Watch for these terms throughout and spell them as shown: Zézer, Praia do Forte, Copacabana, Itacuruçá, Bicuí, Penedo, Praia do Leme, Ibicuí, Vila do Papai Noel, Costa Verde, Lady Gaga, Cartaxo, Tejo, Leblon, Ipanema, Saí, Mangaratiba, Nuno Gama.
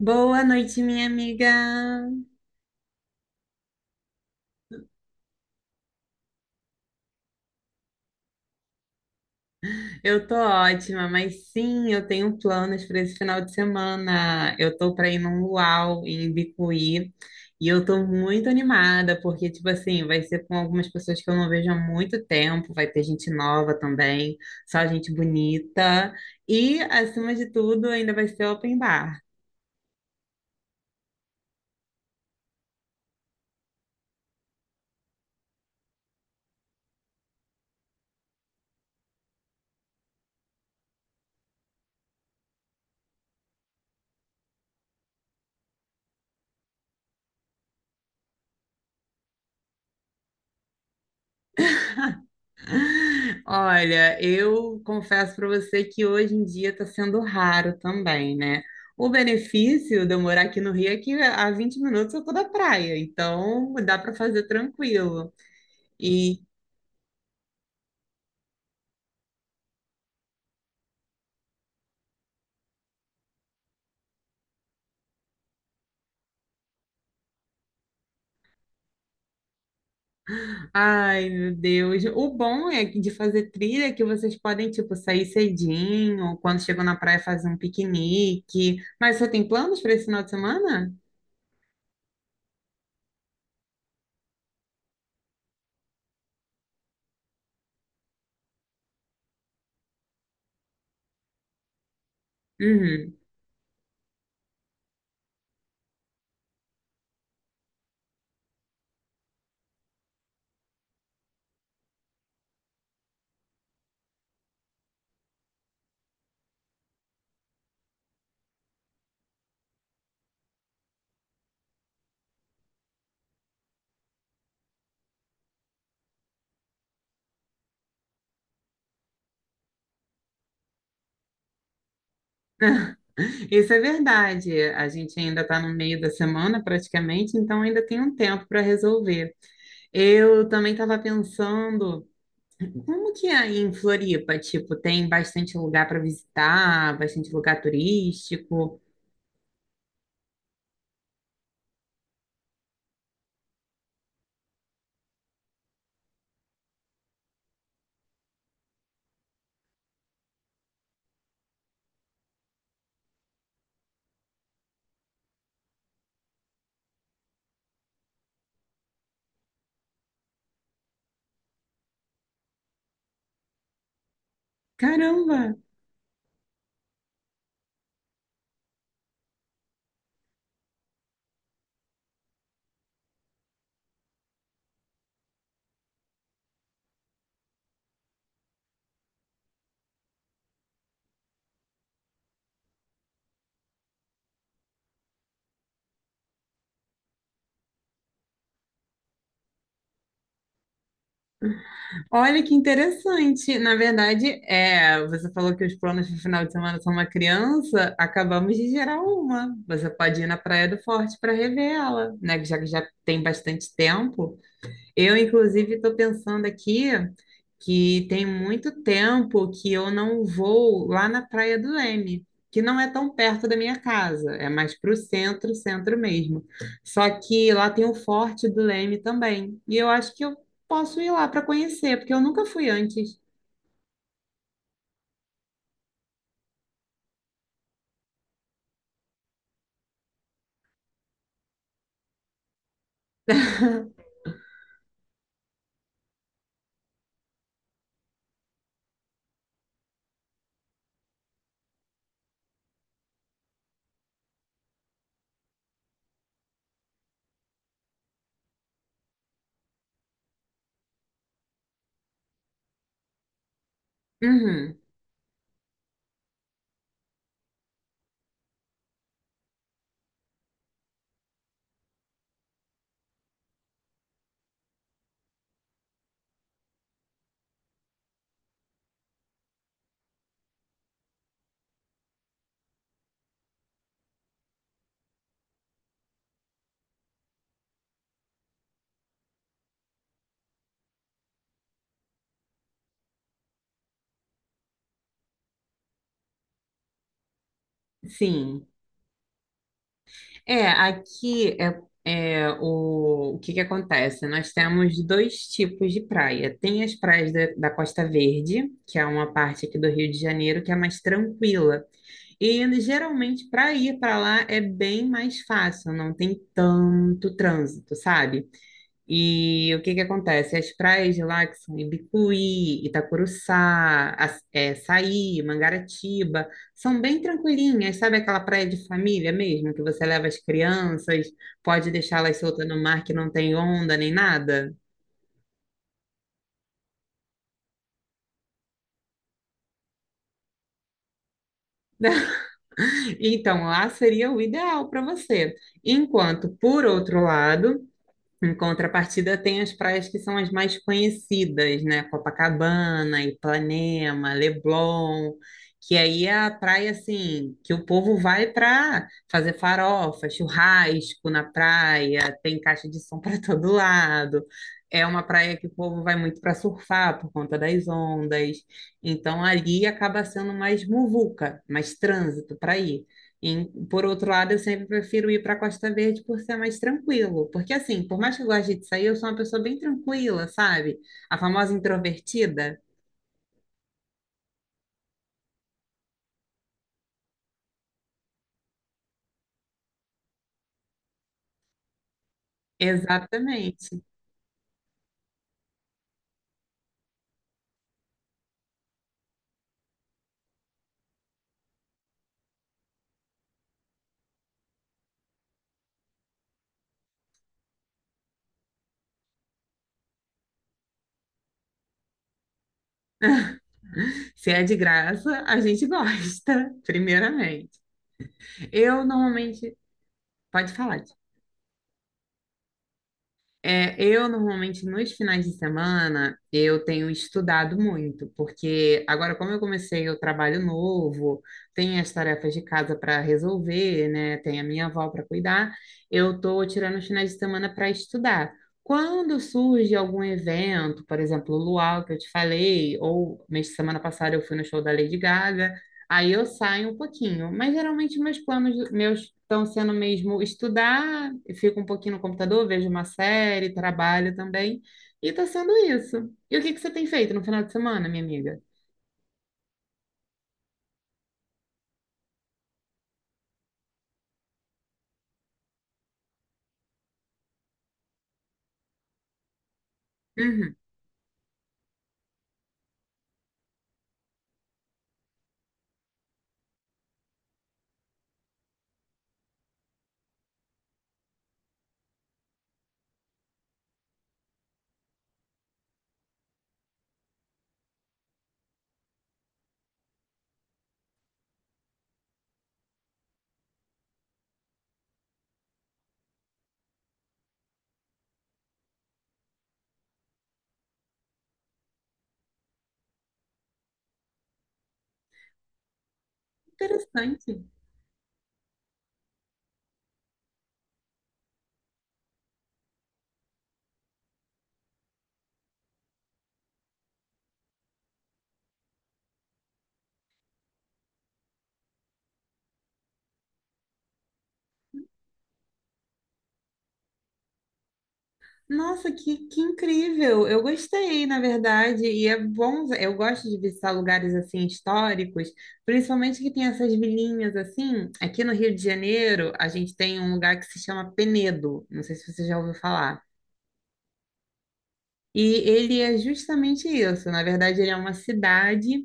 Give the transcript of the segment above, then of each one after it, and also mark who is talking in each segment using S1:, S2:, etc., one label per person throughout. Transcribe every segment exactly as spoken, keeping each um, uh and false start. S1: Boa noite, minha amiga. Eu tô ótima, mas sim, eu tenho planos para esse final de semana. Eu tô para ir num luau em Bicuí e eu tô muito animada porque tipo assim, vai ser com algumas pessoas que eu não vejo há muito tempo, vai ter gente nova também, só gente bonita e acima de tudo, ainda vai ser open bar. Olha, eu confesso para você que hoje em dia está sendo raro também, né? O benefício de eu morar aqui no Rio é que a vinte minutos eu tô da praia, então dá para fazer tranquilo. E, ai, meu Deus, o bom é que de fazer trilha é que vocês podem, tipo, sair cedinho, quando chegam na praia fazer um piquenique. Mas você tem planos para esse final de semana? Uhum. Isso é verdade. A gente ainda está no meio da semana, praticamente, então ainda tem um tempo para resolver. Eu também estava pensando, como que é aí em Floripa, tipo, tem bastante lugar para visitar, bastante lugar turístico? Caramba! Olha que interessante. Na verdade, é, você falou que os planos de final de semana são uma criança, acabamos de gerar uma. Você pode ir na Praia do Forte para rever ela, né? Já que já tem bastante tempo. Eu, inclusive, estou pensando aqui que tem muito tempo que eu não vou lá na Praia do Leme, que não é tão perto da minha casa, é mais para o centro, centro mesmo. Só que lá tem o Forte do Leme também, e eu acho que eu posso ir lá para conhecer, porque eu nunca fui antes. Uhum, sim. É, aqui é, é, o, o que que acontece? Nós temos dois tipos de praia. Tem as praias da, da Costa Verde, que é uma parte aqui do Rio de Janeiro que é mais tranquila. E geralmente para ir para lá é bem mais fácil, não tem tanto trânsito, sabe? E o que que acontece? As praias de lá, que são Ibicuí, Itacuruçá, As- é, Saí, Mangaratiba, são bem tranquilinhas, sabe aquela praia de família mesmo, que você leva as crianças, pode deixá-las soltas no mar que não tem onda nem nada? Então, lá seria o ideal para você. Enquanto, por outro lado, em contrapartida, tem as praias que são as mais conhecidas, né? Copacabana, Ipanema, Leblon, que aí é a praia assim que o povo vai para fazer farofa, churrasco na praia, tem caixa de som para todo lado. É uma praia que o povo vai muito para surfar por conta das ondas. Então ali acaba sendo mais muvuca, mais trânsito para ir. E, por outro lado, eu sempre prefiro ir para a Costa Verde por ser mais tranquilo. Porque, assim, por mais que eu goste de sair, eu sou uma pessoa bem tranquila, sabe? A famosa introvertida. Exatamente. Se é de graça, a gente gosta, primeiramente. Eu normalmente. Pode falar. É, eu normalmente nos finais de semana eu tenho estudado muito, porque agora como eu comecei o trabalho novo, tem as tarefas de casa para resolver, né? Tem a minha avó para cuidar, eu tô tirando os finais de semana para estudar. Quando surge algum evento, por exemplo, o luau que eu te falei, ou mês de semana passada eu fui no show da Lady Gaga, aí eu saio um pouquinho, mas geralmente meus planos meus estão sendo mesmo estudar, eu fico um pouquinho no computador, vejo uma série, trabalho também, e tá sendo isso. E o que que você tem feito no final de semana, minha amiga? Uhum. Interessante. Nossa, que, que incrível! Eu gostei, na verdade, e é bom. Eu gosto de visitar lugares assim históricos, principalmente que tem essas vilinhas assim. Aqui no Rio de Janeiro, a gente tem um lugar que se chama Penedo. Não sei se você já ouviu falar. E ele é justamente isso. Na verdade, ele é uma cidade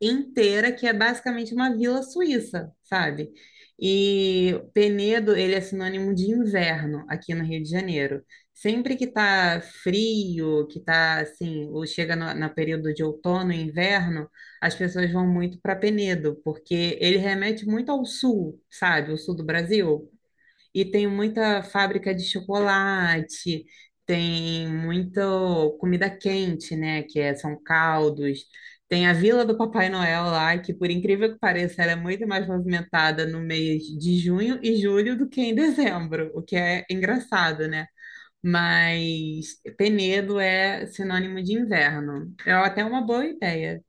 S1: inteira que é basicamente uma vila suíça, sabe? E Penedo, ele é sinônimo de inverno aqui no Rio de Janeiro. Sempre que tá frio, que tá assim, ou chega no, no período de outono e inverno, as pessoas vão muito para Penedo, porque ele remete muito ao sul, sabe? O sul do Brasil. E tem muita fábrica de chocolate, tem muita comida quente, né? Que é- são caldos. Tem a Vila do Papai Noel lá, que por incrível que pareça, ela é muito mais movimentada no mês de junho e julho do que em dezembro, o que é engraçado, né? Mas Penedo é sinônimo de inverno. É até uma boa ideia.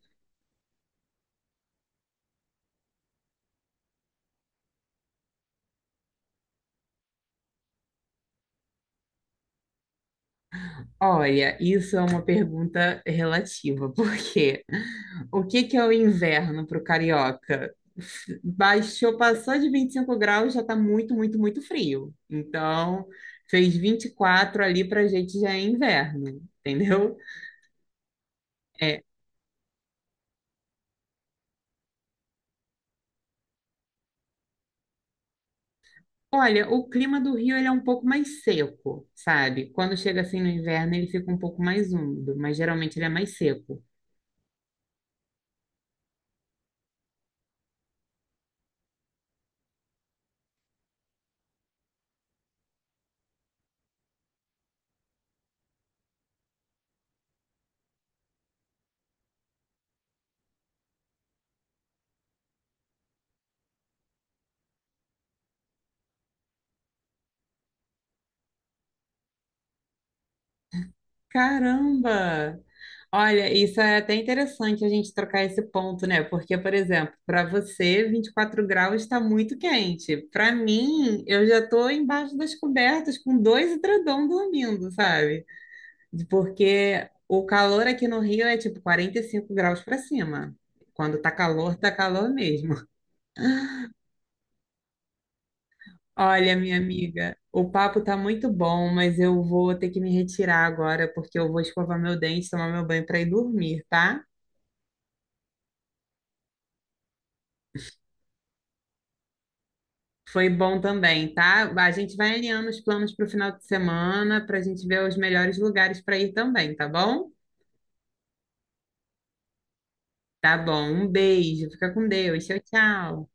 S1: Olha, isso é uma pergunta relativa, porque o que que é o inverno para o carioca? Baixou, passou de vinte e cinco graus, já está muito, muito, muito frio. Então, fez vinte e quatro ali para a gente já é inverno, entendeu? É, olha, o clima do Rio ele é um pouco mais seco, sabe? Quando chega assim no inverno, ele fica um pouco mais úmido, mas geralmente ele é mais seco. Caramba! Olha, isso é até interessante a gente trocar esse ponto, né? Porque, por exemplo, para você, vinte e quatro graus está muito quente. Para mim, eu já estou embaixo das cobertas com dois edredom dormindo, sabe? Porque o calor aqui no Rio é tipo quarenta e cinco graus para cima. Quando tá calor, tá calor mesmo. Olha, minha amiga, o papo tá muito bom, mas eu vou ter que me retirar agora porque eu vou escovar meu dente, tomar meu banho para ir dormir, tá? Foi bom também, tá? A gente vai alinhando os planos para o final de semana para a gente ver os melhores lugares para ir também, tá bom? Tá bom. Um beijo. Fica com Deus. Tchau, tchau.